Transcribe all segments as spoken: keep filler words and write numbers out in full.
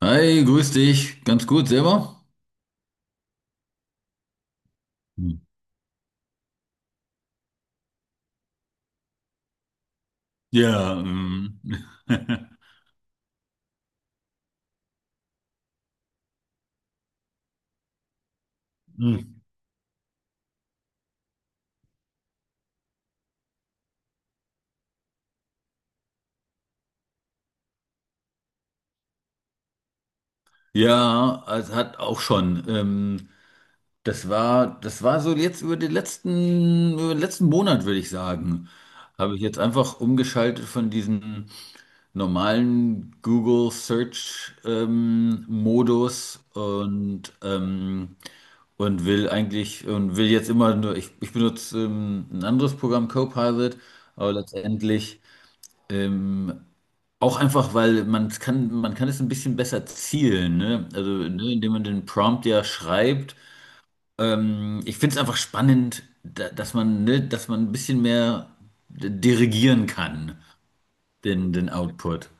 Hi, grüß dich. Ganz gut, selber? Hm. Ja, ähm, Hm. Ja, es hat auch schon. Ähm, das war, das war so jetzt über den letzten, über den letzten Monat, würde ich sagen. Habe ich jetzt einfach umgeschaltet von diesem normalen Google Search ähm, Modus und ähm, und will eigentlich und will jetzt immer nur, ich, ich benutze ähm, ein anderes Programm, Copilot, aber letztendlich Ähm, auch einfach, weil man kann, man kann es ein bisschen besser zielen, ne? Also, ne, indem man den Prompt ja schreibt. Ähm, ich finde es einfach spannend, da, dass man, ne, dass man ein bisschen mehr d- dirigieren kann, den, den Output.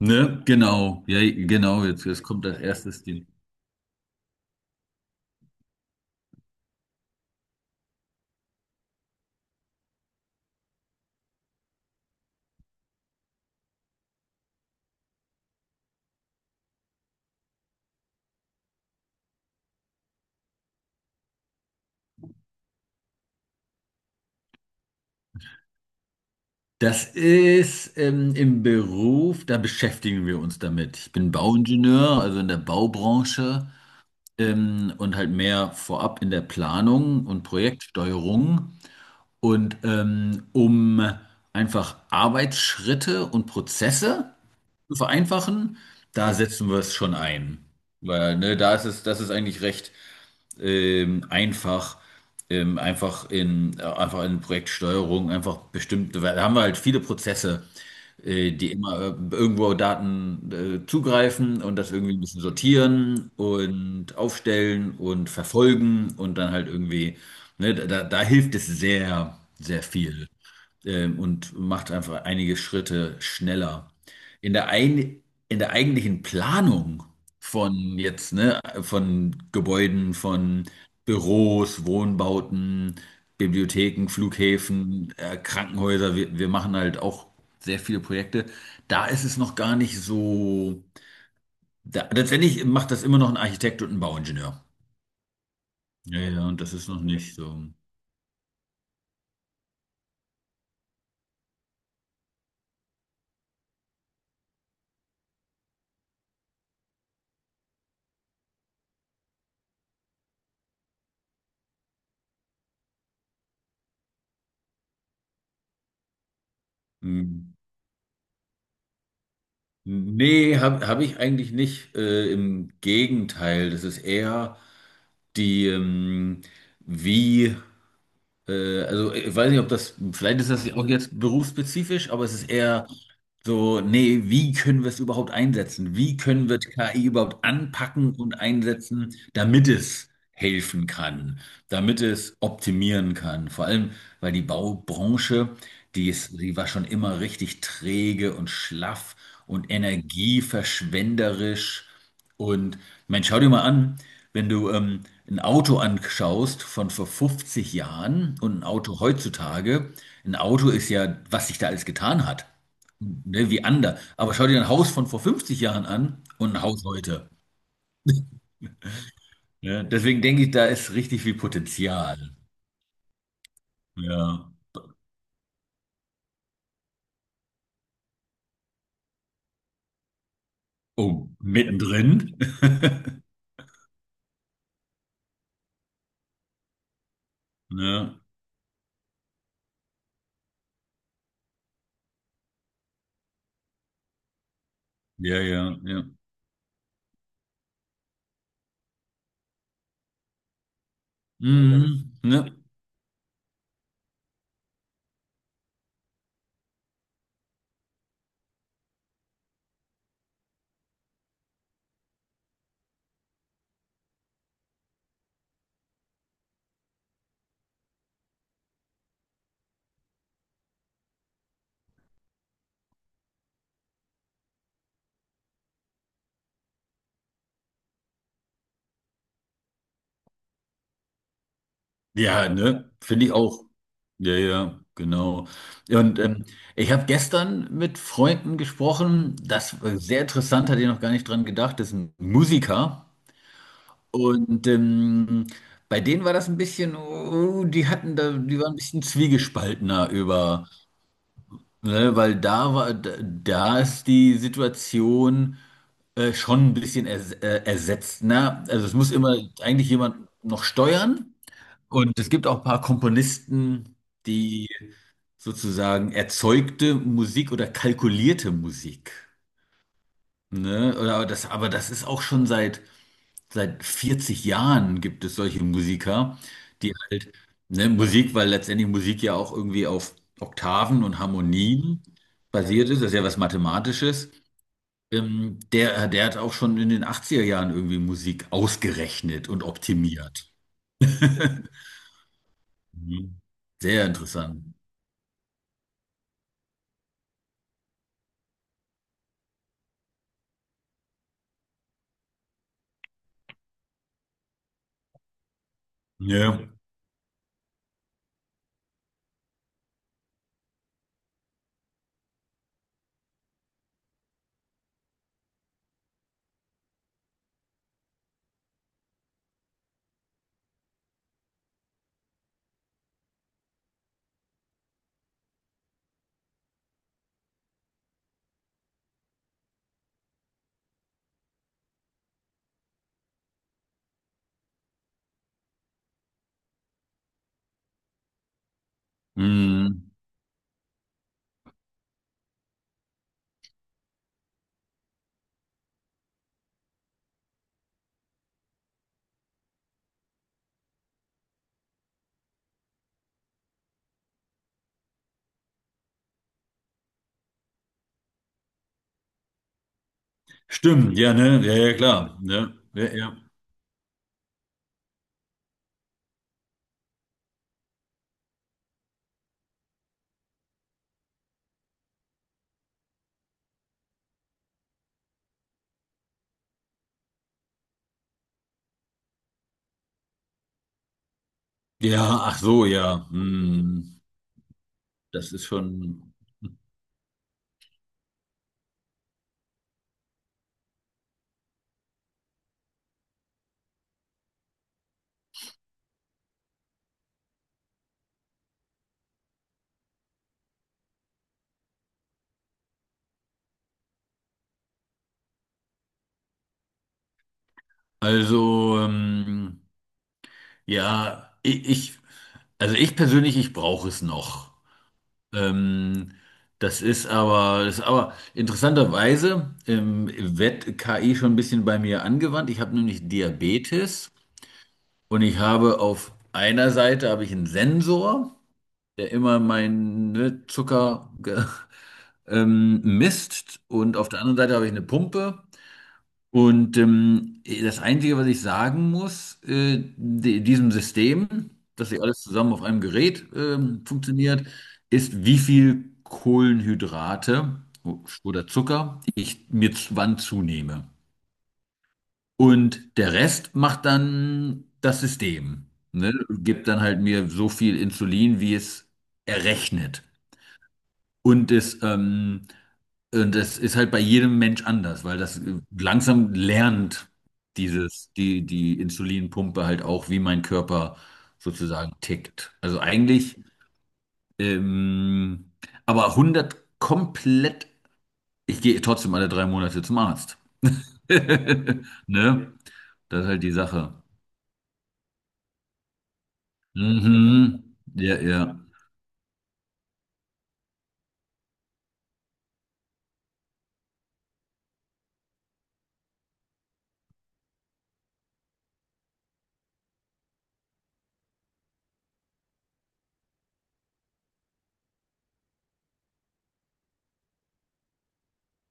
Ne? Genau, ja, genau, jetzt, jetzt kommt das erste Ding. Das ist ähm, im Beruf, da beschäftigen wir uns damit. Ich bin Bauingenieur, also in der Baubranche. ähm, und halt mehr vorab in der Planung und Projektsteuerung und ähm, um einfach Arbeitsschritte und Prozesse zu vereinfachen, da setzen wir es schon ein. Weil, ne, da ist es, das ist eigentlich recht ähm, einfach, ähm, einfach in, äh, einfach in Projektsteuerung, einfach bestimmte, weil da haben wir halt viele Prozesse, äh, die immer äh, irgendwo Daten äh, zugreifen und das irgendwie ein bisschen sortieren und aufstellen und verfolgen und dann halt irgendwie, ne, da, da da hilft es sehr, sehr viel ähm, und macht einfach einige Schritte schneller. In der, ein, in der eigentlichen Planung von jetzt, ne, von Gebäuden, von Büros, Wohnbauten, Bibliotheken, Flughäfen, äh, Krankenhäuser, wir, wir machen halt auch sehr viele Projekte. Da ist es noch gar nicht so. Da, letztendlich macht das immer noch ein Architekt und ein Bauingenieur. Ja, ja, und das ist noch nicht so. Mm. Nee, habe hab hab ich eigentlich nicht. Äh, im Gegenteil, das ist eher die, ähm, wie, äh, also ich weiß nicht, ob das, vielleicht ist das auch jetzt berufsspezifisch, aber es ist eher so, nee, wie können wir es überhaupt einsetzen? Wie können wir K I überhaupt anpacken und einsetzen, damit es helfen kann, damit es optimieren kann? Vor allem, weil die Baubranche, die ist, die war schon immer richtig träge und schlaff und energieverschwenderisch. Und man, schau dir mal an, wenn du ähm, ein Auto anschaust von vor fünfzig Jahren und ein Auto heutzutage, ein Auto ist ja, was sich da alles getan hat. Ne, wie ander. Aber schau dir ein Haus von vor fünfzig Jahren an und ein Haus heute. Ne? Deswegen denke ich, da ist richtig viel Potenzial. Ja. Oh, mittendrin. Ne? Ja, ja, ja. Mhm, ne? Ja, ne? Finde ich auch. Ja, ja, genau. Und ähm, ich habe gestern mit Freunden gesprochen, das war sehr interessant, hatte ich noch gar nicht dran gedacht, das ist ein Musiker. Und ähm, bei denen war das ein bisschen, oh, die hatten da, die waren ein bisschen zwiegespaltener über, ne, weil da war, da da ist die Situation äh, schon ein bisschen ers äh, ersetzt. Ne? Also es muss immer eigentlich jemand noch steuern. Und es gibt auch ein paar Komponisten, die sozusagen erzeugte Musik oder kalkulierte Musik. Ne? Oder aber das, aber das ist auch schon seit, seit vierzig Jahren gibt es solche Musiker, die halt, ne, Musik, weil letztendlich Musik ja auch irgendwie auf Oktaven und Harmonien basiert ist, das ist ja was Mathematisches. Ähm, der, der hat auch schon in den achtziger Jahren irgendwie Musik ausgerechnet und optimiert. Mhm. Sehr interessant. Ja. Mhm. Stimmt, ja, ne? Ja, ja, klar. Ne? Ja, ja. Ja, ach so, ja. Mhm. Das ist schon. Also, ähm, ja, ich, ich, also ich persönlich, ich brauche es noch. Ähm, das ist aber, das ist aber interessanterweise ähm, wird K I schon ein bisschen bei mir angewandt. Ich habe nämlich Diabetes und ich habe auf einer Seite habe ich einen Sensor, der immer meinen ne, Zucker ge- ähm, misst und auf der anderen Seite habe ich eine Pumpe. Und ähm, das Einzige, was ich sagen muss, äh, di- diesem System, dass sie alles zusammen auf einem Gerät ähm, funktioniert, ist, wie viel Kohlenhydrate oder Zucker ich mir zu- wann zunehme. Und der Rest macht dann das System, ne? Gibt dann halt mir so viel Insulin, wie es errechnet. Und es, ähm, und das ist halt bei jedem Mensch anders, weil das äh, langsam lernt dieses, die, die Insulinpumpe halt auch, wie mein Körper sozusagen tickt. Also eigentlich, ähm, aber hundert komplett, ich gehe trotzdem alle drei Monate zum Arzt. Ne? Das ist halt die Sache. Mhm. Ja, ja.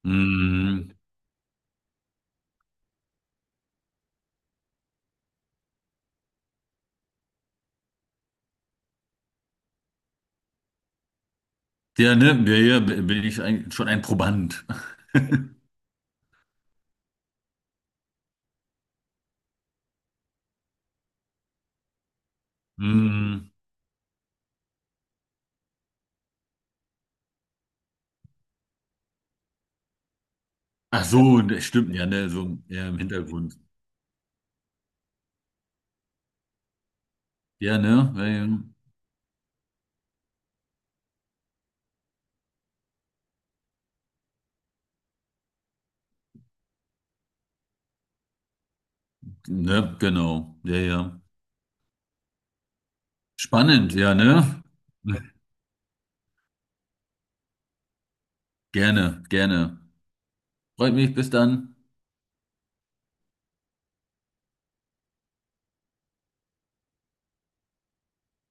Mhm. Ja, ne? Ja, ja, bin ich ein, schon ein Proband. Mhm. Ach so, das stimmt, ja, ne, so ja, im Hintergrund. Ja, ne, ja, ja. Ne, genau, ja, ja. Spannend, ja, ne? Gerne, gerne. Freut mich, bis dann.